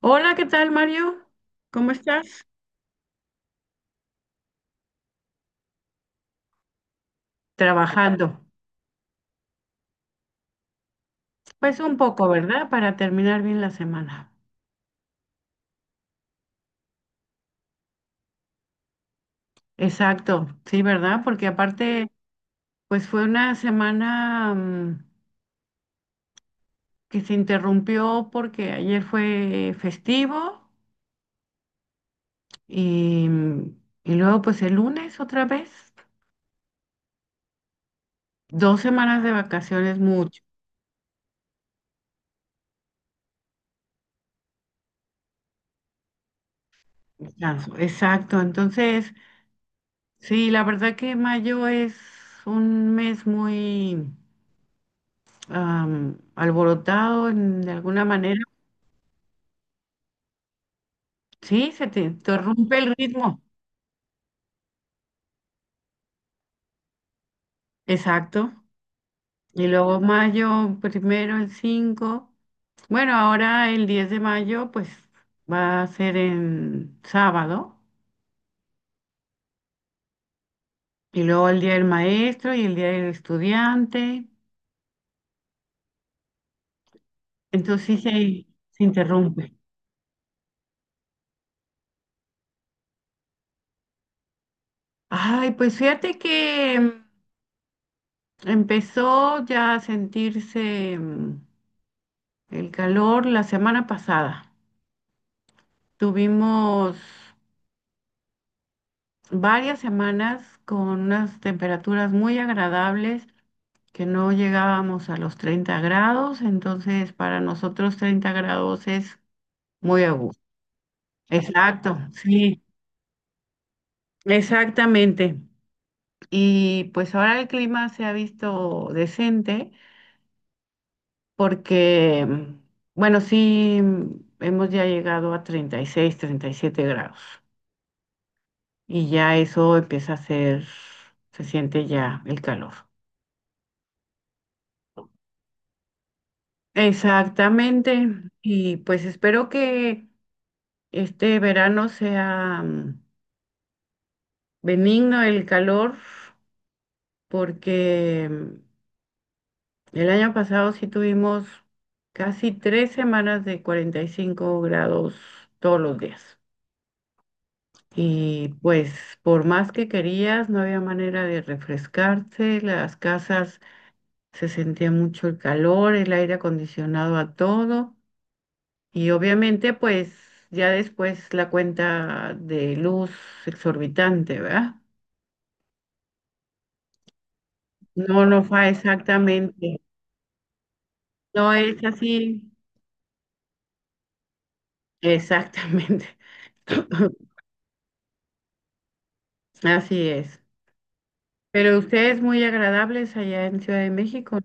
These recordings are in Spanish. Hola, ¿qué tal, Mario? ¿Cómo estás? Trabajando. Pues un poco, ¿verdad? Para terminar bien la semana. Exacto, sí, ¿verdad? Porque aparte, pues fue una semana que se interrumpió porque ayer fue festivo y, mm, y luego pues el lunes otra vez. 2 semanas de vacaciones, mucho descanso. Exacto, entonces, sí, la verdad que mayo es un mes muy alborotado de alguna manera. Sí, se te interrumpe el ritmo. Exacto. Y luego mayo primero, el 5. Bueno, ahora el 10 de mayo, pues va a ser en sábado. Y luego el día del maestro y el día del estudiante. Entonces sí se interrumpe. Ay, pues fíjate que empezó ya a sentirse el calor la semana pasada. Tuvimos varias semanas con unas temperaturas muy agradables, que no llegábamos a los 30 grados, entonces para nosotros 30 grados es muy a gusto. Exacto, sí, exactamente. Y pues ahora el clima se ha visto decente porque, bueno, sí, hemos ya llegado a 36, 37 grados y ya eso empieza a ser, se siente ya el calor. Exactamente. Y pues espero que este verano sea benigno el calor, porque el año pasado sí tuvimos casi 3 semanas de 45 grados todos los días. Y pues por más que querías, no había manera de refrescarse, las casas se sentía mucho el calor, el aire acondicionado a todo. Y obviamente, pues ya después la cuenta de luz exorbitante, ¿verdad? No, no fue exactamente. No es así. Exactamente. Así es. Pero ustedes muy agradables allá en Ciudad de México.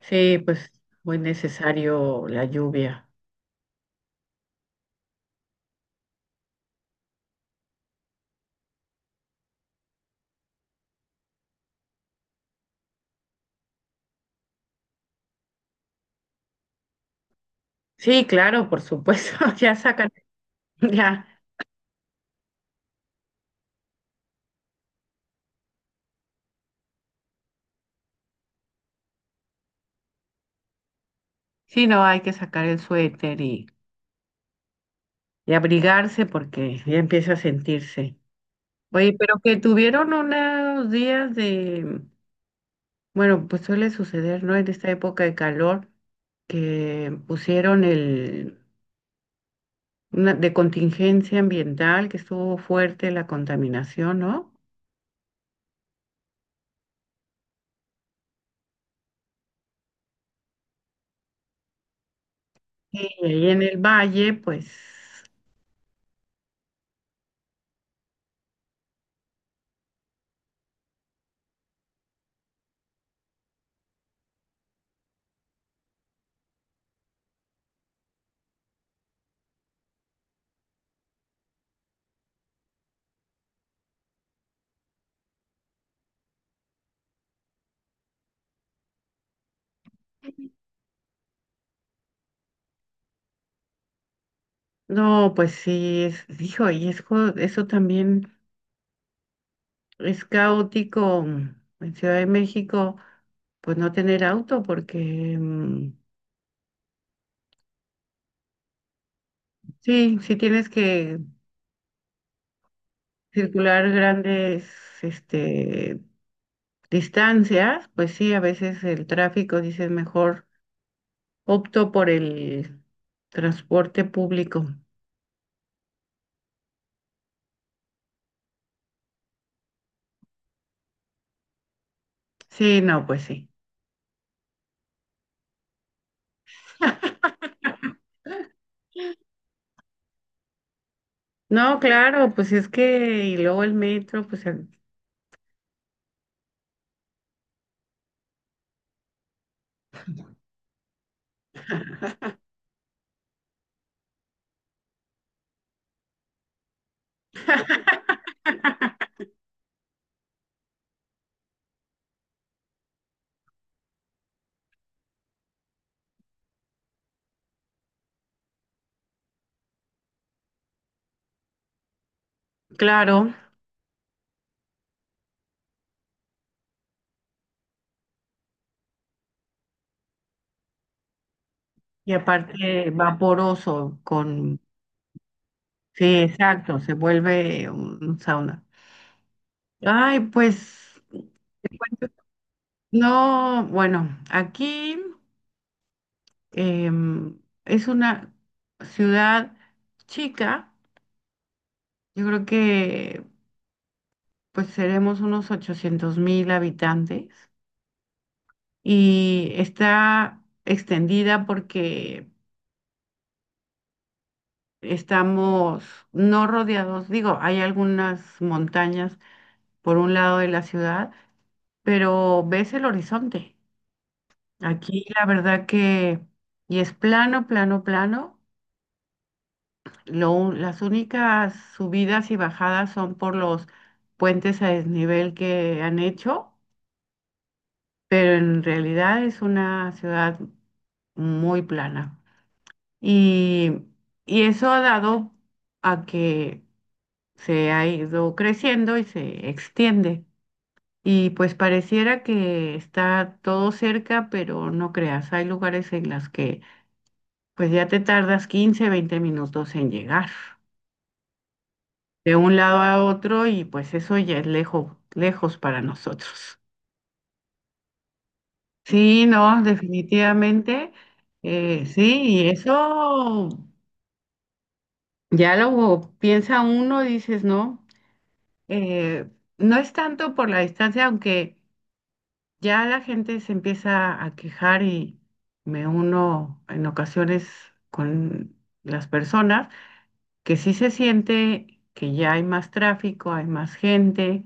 Sí, pues muy necesario la lluvia. Sí, claro, por supuesto. Ya sacan, ya. Sí, no, hay que sacar el suéter y abrigarse porque ya empieza a sentirse. Oye, pero que tuvieron unos días de, bueno, pues suele suceder, ¿no? En esta época de calor, que pusieron de contingencia ambiental, que estuvo fuerte la contaminación, ¿no? Sí, y ahí en el valle, pues, no, pues sí, es, hijo, eso también es caótico en Ciudad de México, pues no tener auto, porque sí, sí tienes que circular grandes, este, distancias, pues sí, a veces el tráfico, dices, mejor opto por el transporte público. Sí, no, pues sí. No, claro, pues es que, y luego el metro, pues claro, y aparte vaporoso con, sí, exacto, se vuelve un sauna. Ay, pues, no, bueno, aquí. Em, es una ciudad chica, yo creo que pues seremos unos 800,000 habitantes y está extendida porque estamos no rodeados, digo, hay algunas montañas por un lado de la ciudad, pero ves el horizonte. Aquí la verdad que, y es plano, plano, plano. Las únicas subidas y bajadas son por los puentes a desnivel que han hecho, pero en realidad es una ciudad muy plana. Y, y eso ha dado a que se ha ido creciendo y se extiende. Y pues pareciera que está todo cerca, pero no creas, hay lugares en las que pues ya te tardas quince, 20 minutos en llegar, de un lado a otro y pues eso ya es lejos, lejos para nosotros. Sí, no, definitivamente, sí, y eso ya lo piensa uno, dices, no, eh, no es tanto por la distancia, aunque ya la gente se empieza a quejar y me uno en ocasiones con las personas, que sí se siente que ya hay más tráfico, hay más gente,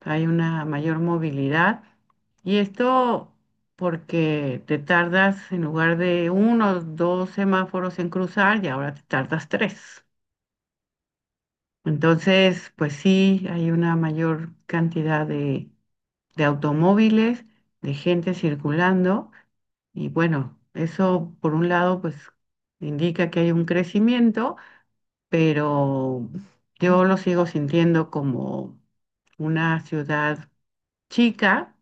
hay una mayor movilidad. Y esto porque te tardas en lugar de uno, o dos semáforos en cruzar y ahora te tardas tres. Entonces, pues sí, hay una mayor cantidad de automóviles, de gente circulando y bueno, eso por un lado pues indica que hay un crecimiento, pero yo lo sigo sintiendo como una ciudad chica,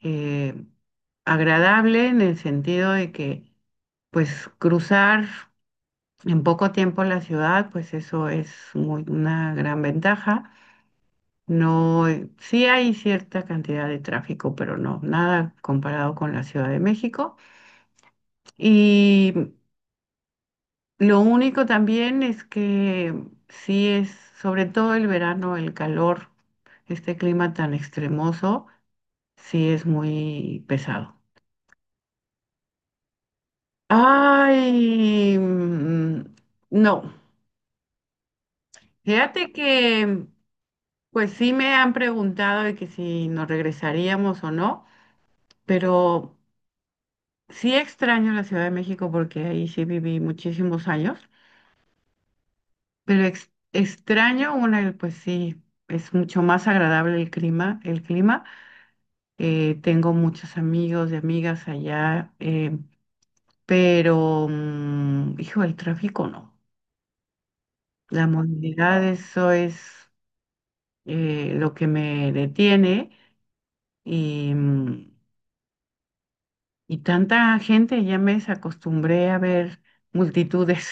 eh, agradable en el sentido de que, pues, cruzar en poco tiempo la ciudad, pues eso es muy, una gran ventaja. No, sí hay cierta cantidad de tráfico, pero no, nada comparado con la Ciudad de México. Y lo único también es que sí es, sobre todo el verano, el calor, este clima tan extremoso, sí es muy pesado. Ay, no. Fíjate que, pues sí me han preguntado de que si nos regresaríamos o no, pero sí extraño la Ciudad de México porque ahí sí viví muchísimos años, pero extraño una, pues sí, es mucho más agradable el clima, el clima. Tengo muchos amigos y amigas allá, pero, hijo, el tráfico no. La movilidad, eso es lo que me detiene y, mm, y tanta gente, ya me acostumbré a ver multitudes.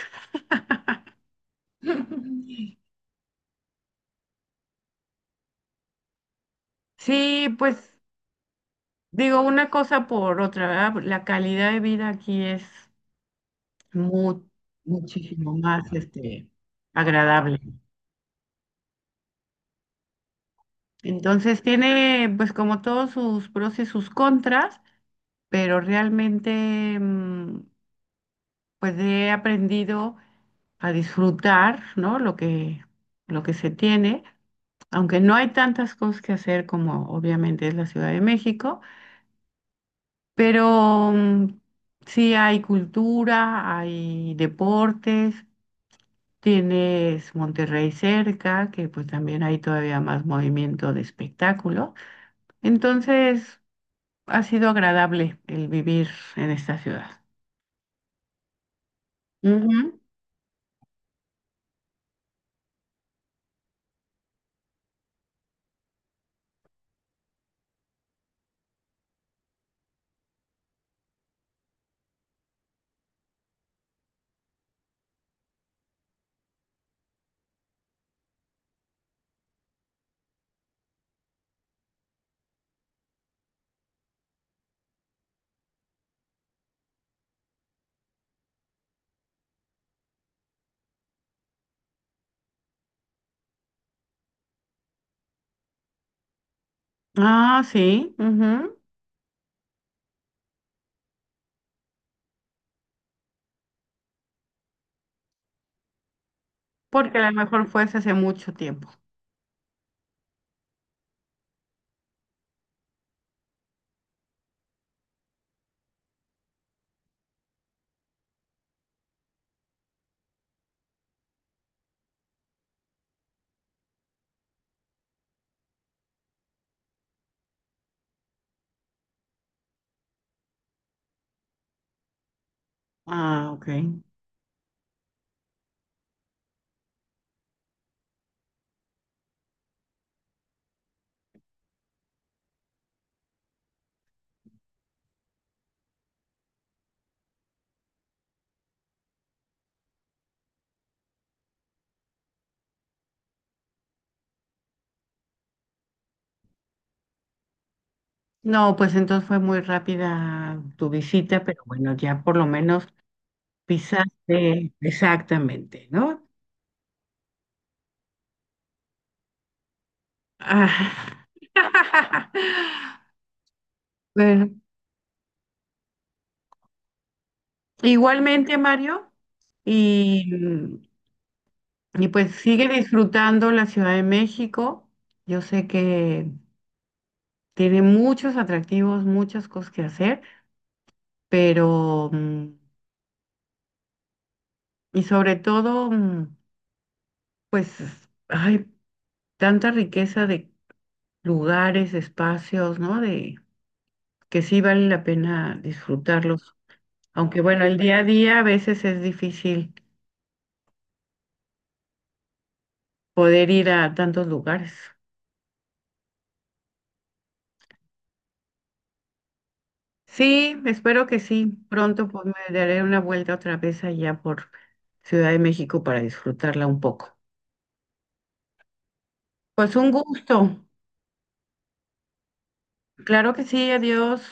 Sí, pues digo una cosa por otra, ¿verdad? Pues, la calidad de vida aquí es mu- muchísimo más, agradable. Entonces tiene pues como todos sus pros y sus contras, pero realmente pues he aprendido a disfrutar, ¿no? Lo que se tiene, aunque no hay tantas cosas que hacer como obviamente es la Ciudad de México, pero sí hay cultura, hay deportes, tienes Monterrey cerca, que pues también hay todavía más movimiento de espectáculo. Entonces, ha sido agradable el vivir en esta ciudad. Ujú. Ah, sí, ujú, porque a lo mejor fue hace mucho tiempo. Ah, ok. No, pues entonces fue muy rápida tu visita, pero bueno, ya por lo menos pisaste exactamente, ¿no? Ah. Bueno, igualmente, Mario, y, y pues sigue disfrutando la Ciudad de México. Yo sé que tiene muchos atractivos, muchas cosas que hacer, pero, y sobre todo, pues hay tanta riqueza de lugares, espacios, ¿no? De que sí vale la pena disfrutarlos. Aunque bueno, el día a día a veces es difícil poder ir a tantos lugares. Sí, espero que sí. Pronto pues me daré una vuelta otra vez allá por Ciudad de México para disfrutarla un poco. Pues un gusto. Claro que sí, adiós.